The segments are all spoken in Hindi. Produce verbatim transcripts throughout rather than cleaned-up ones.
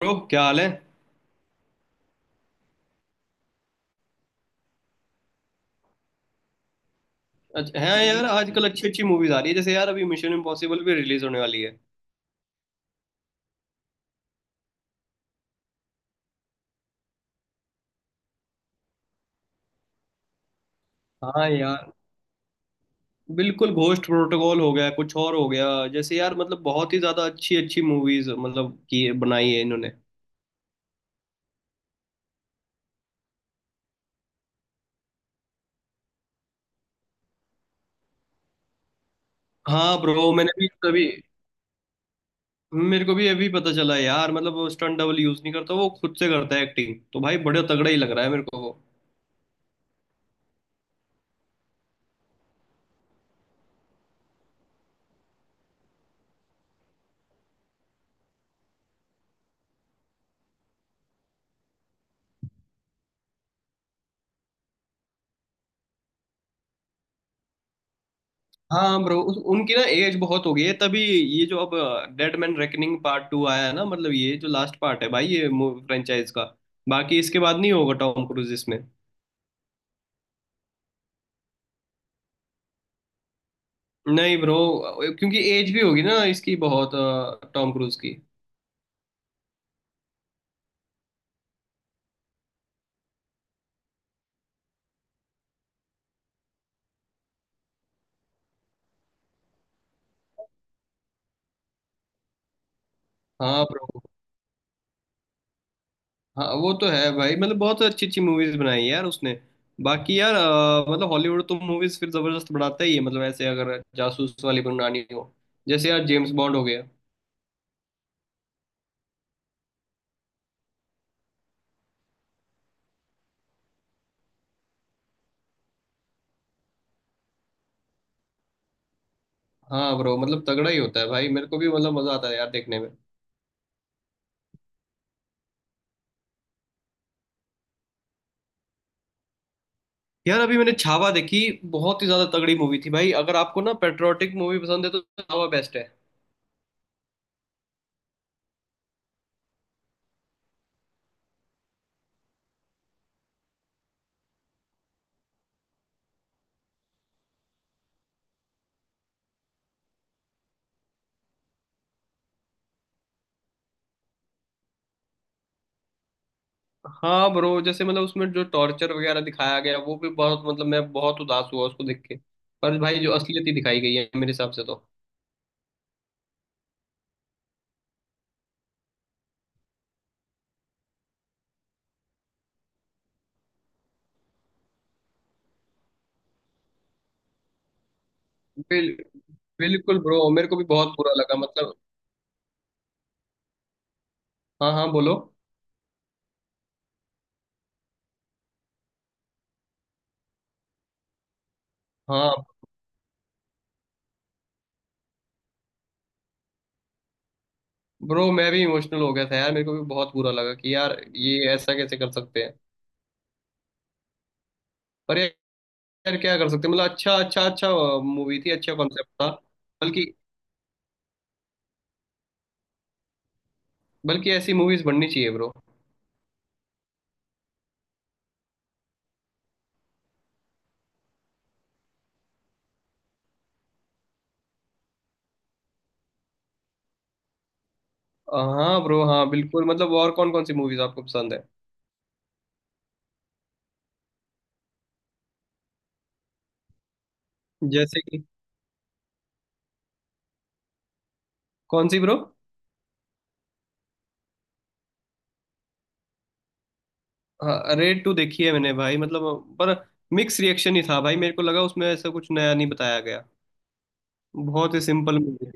ब्रो क्या हाल है। अच्छा हाँ यार आजकल अच्छी अच्छी मूवीज आ रही है, जैसे यार अभी मिशन इम्पॉसिबल भी रिलीज होने वाली है। हाँ यार, बिल्कुल। घोस्ट प्रोटोकॉल हो गया, कुछ और हो गया, जैसे यार मतलब बहुत ही ज्यादा अच्छी अच्छी मूवीज मतलब की बनाई है इन्होंने। हाँ ब्रो, मैंने भी कभी, मेरे को भी अभी पता चला यार मतलब वो स्टंट डबल यूज नहीं करता, वो खुद से करता है। एक्टिंग तो भाई बड़े तगड़ा ही लग रहा है मेरे को वो। हाँ ब्रो, उस, उनकी ना एज बहुत हो गई है तभी ये जो अब dead man reckoning part two आया है ना, मतलब ये जो लास्ट पार्ट है भाई ये फ्रेंचाइज का, बाकी इसके बाद नहीं होगा टॉम क्रूज इसमें। नहीं ब्रो, क्योंकि एज भी होगी ना इसकी बहुत, टॉम क्रूज की। हाँ ब्रो, हाँ वो तो है भाई, मतलब बहुत अच्छी अच्छी मूवीज बनाई है यार उसने। बाकी यार अ, मतलब हॉलीवुड तो मूवीज फिर जबरदस्त बनाता ही है। मतलब ऐसे अगर जासूस वाली बनानी हो, जैसे यार जेम्स बॉन्ड हो गया। हाँ ब्रो, मतलब तगड़ा ही होता है भाई, मेरे को भी मतलब मजा आता है यार देखने में। यार अभी मैंने छावा देखी, बहुत ही ज्यादा तगड़ी मूवी थी भाई। अगर आपको ना पेट्रियोटिक मूवी पसंद है तो छावा बेस्ट है। हाँ ब्रो, जैसे मतलब उसमें जो टॉर्चर वगैरह दिखाया गया वो भी बहुत, मतलब मैं बहुत उदास हुआ उसको देख के। पर भाई जो असलियत ही दिखाई गई है मेरे हिसाब से तो। बिल, बिल्कुल ब्रो, मेरे को भी बहुत बुरा लगा मतलब। हाँ हाँ, बोलो। हाँ ब्रो, मैं भी इमोशनल हो गया था यार, मेरे को भी बहुत बुरा लगा कि यार ये ऐसा कैसे कर सकते हैं। पर यार क्या कर सकते हैं। मतलब अच्छा अच्छा अच्छा मूवी थी, अच्छा कॉन्सेप्ट था। बल्कि, बल्कि ऐसी मूवीज बननी चाहिए ब्रो। हाँ ब्रो, हाँ बिल्कुल। मतलब और कौन कौन सी मूवीज आपको पसंद है? जैसे कि कौन सी ब्रो? हाँ रेड टू देखी है मैंने भाई, मतलब पर मिक्स रिएक्शन ही था भाई। मेरे को लगा उसमें ऐसा कुछ नया नहीं बताया गया, बहुत ही सिंपल मूवी।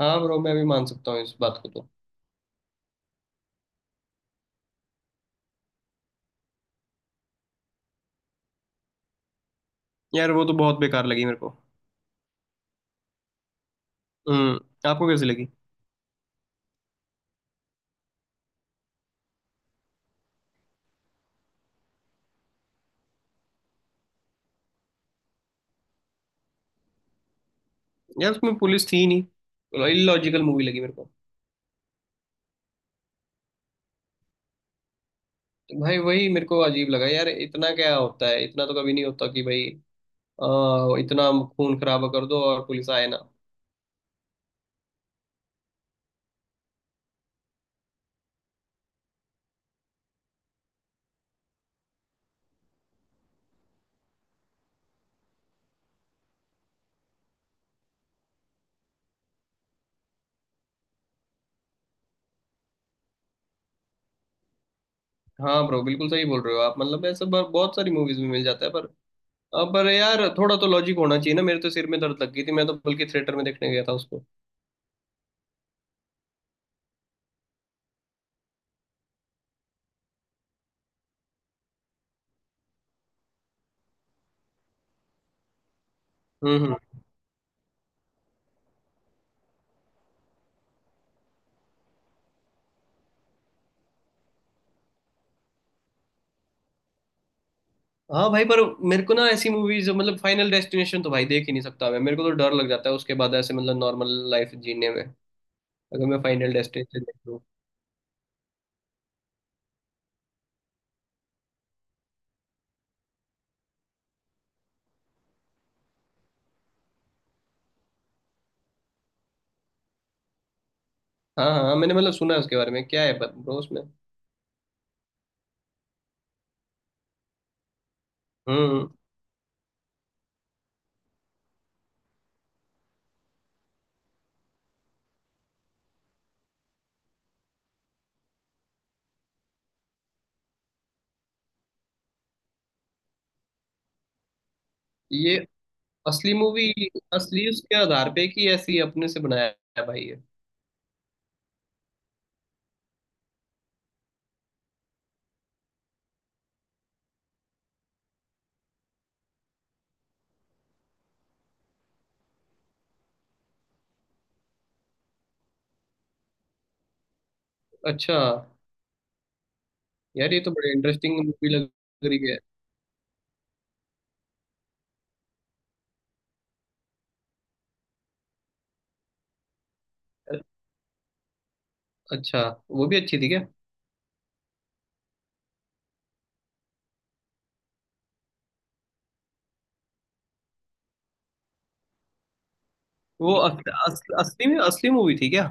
हाँ ब्रो, मैं भी मान सकता हूँ इस बात को तो। यार वो तो बहुत बेकार लगी मेरे को। हम्म, आपको कैसी लगी? यार उसमें पुलिस थी ही नहीं, इलॉजिकल मूवी लगी मेरे को। तो भाई वही मेरे को अजीब लगा यार, इतना क्या होता है, इतना तो कभी नहीं होता कि भाई अ, इतना खून खराबा कर दो और पुलिस आए ना। हाँ ब्रो, बिल्कुल सही बोल रहे हो आप। मतलब ऐसा ब- बहुत सारी मूवीज में मिल जाता है, पर अ, पर यार थोड़ा तो लॉजिक होना चाहिए ना। मेरे तो सिर में दर्द लग गई थी, मैं तो बल्कि थिएटर में देखने गया था उसको। हम्म हम्म। हाँ भाई, पर मेरे को ना ऐसी मूवीज मतलब फाइनल डेस्टिनेशन तो भाई देख ही नहीं सकता मैं। मेरे को तो डर लग जाता है उसके बाद, ऐसे मतलब नॉर्मल लाइफ जीने में, अगर मैं फाइनल डेस्टिनेशन देख लूँ। हाँ हाँ हाँ, मैंने मतलब सुना है उसके बारे में। क्या है ब्रो उसमें? हम्म हम्म। ये असली मूवी, असली उसके आधार पे कि ऐसी अपने से बनाया? है भाई ये। अच्छा। यार ये तो बड़ी इंटरेस्टिंग मूवी लग रही है। अच्छा, वो भी अच्छी थी क्या? वो अस, अस, असली में असली मूवी थी क्या?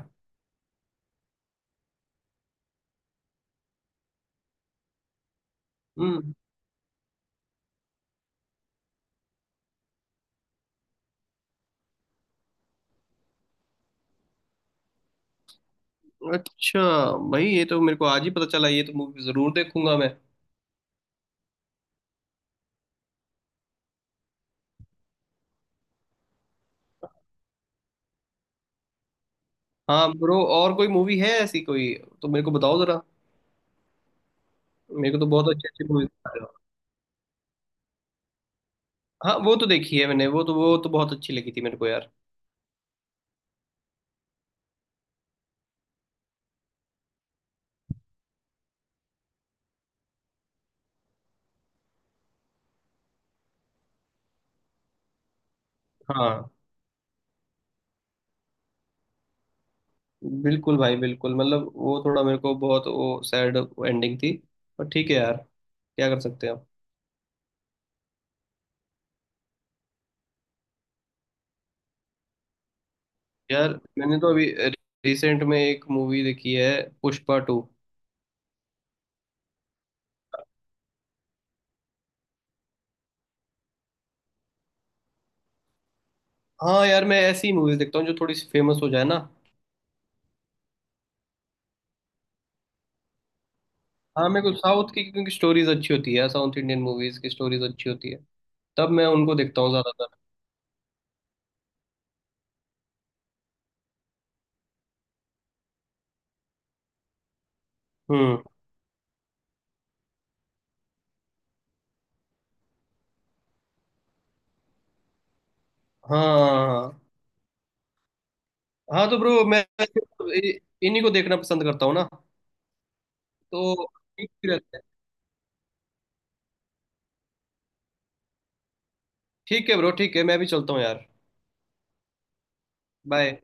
हम्म। अच्छा भाई, ये तो मेरे को आज ही पता चला। ये तो मूवी जरूर देखूंगा मैं। हाँ ब्रो, और कोई मूवी है ऐसी कोई तो मेरे को बताओ जरा। मेरे को तो बहुत अच्छी अच्छी मूवी। हाँ वो तो देखी है मैंने, वो तो वो तो बहुत अच्छी लगी थी मेरे को यार। हाँ बिल्कुल भाई, बिल्कुल। मतलब वो थोड़ा मेरे को बहुत वो सैड एंडिंग थी, पर ठीक है यार, क्या कर सकते हैं। यार मैंने तो अभी रिसेंट में एक मूवी देखी है, पुष्पा टू। हाँ यार, मैं ऐसी मूवीज देखता हूँ जो थोड़ी सी फेमस हो जाए ना। हाँ मेरे को साउथ की, क्योंकि स्टोरीज अच्छी होती है, साउथ इंडियन मूवीज की स्टोरीज अच्छी होती है, तब मैं उनको देखता हूँ ज्यादातर। हम्म। हाँ हाँ हाँ। हाँ तो ब्रो मैं इ- इन्हीं को देखना पसंद करता हूँ ना, तो ठीक रहता है। ठीक है ब्रो, ठीक है, मैं भी चलता हूँ यार। बाय।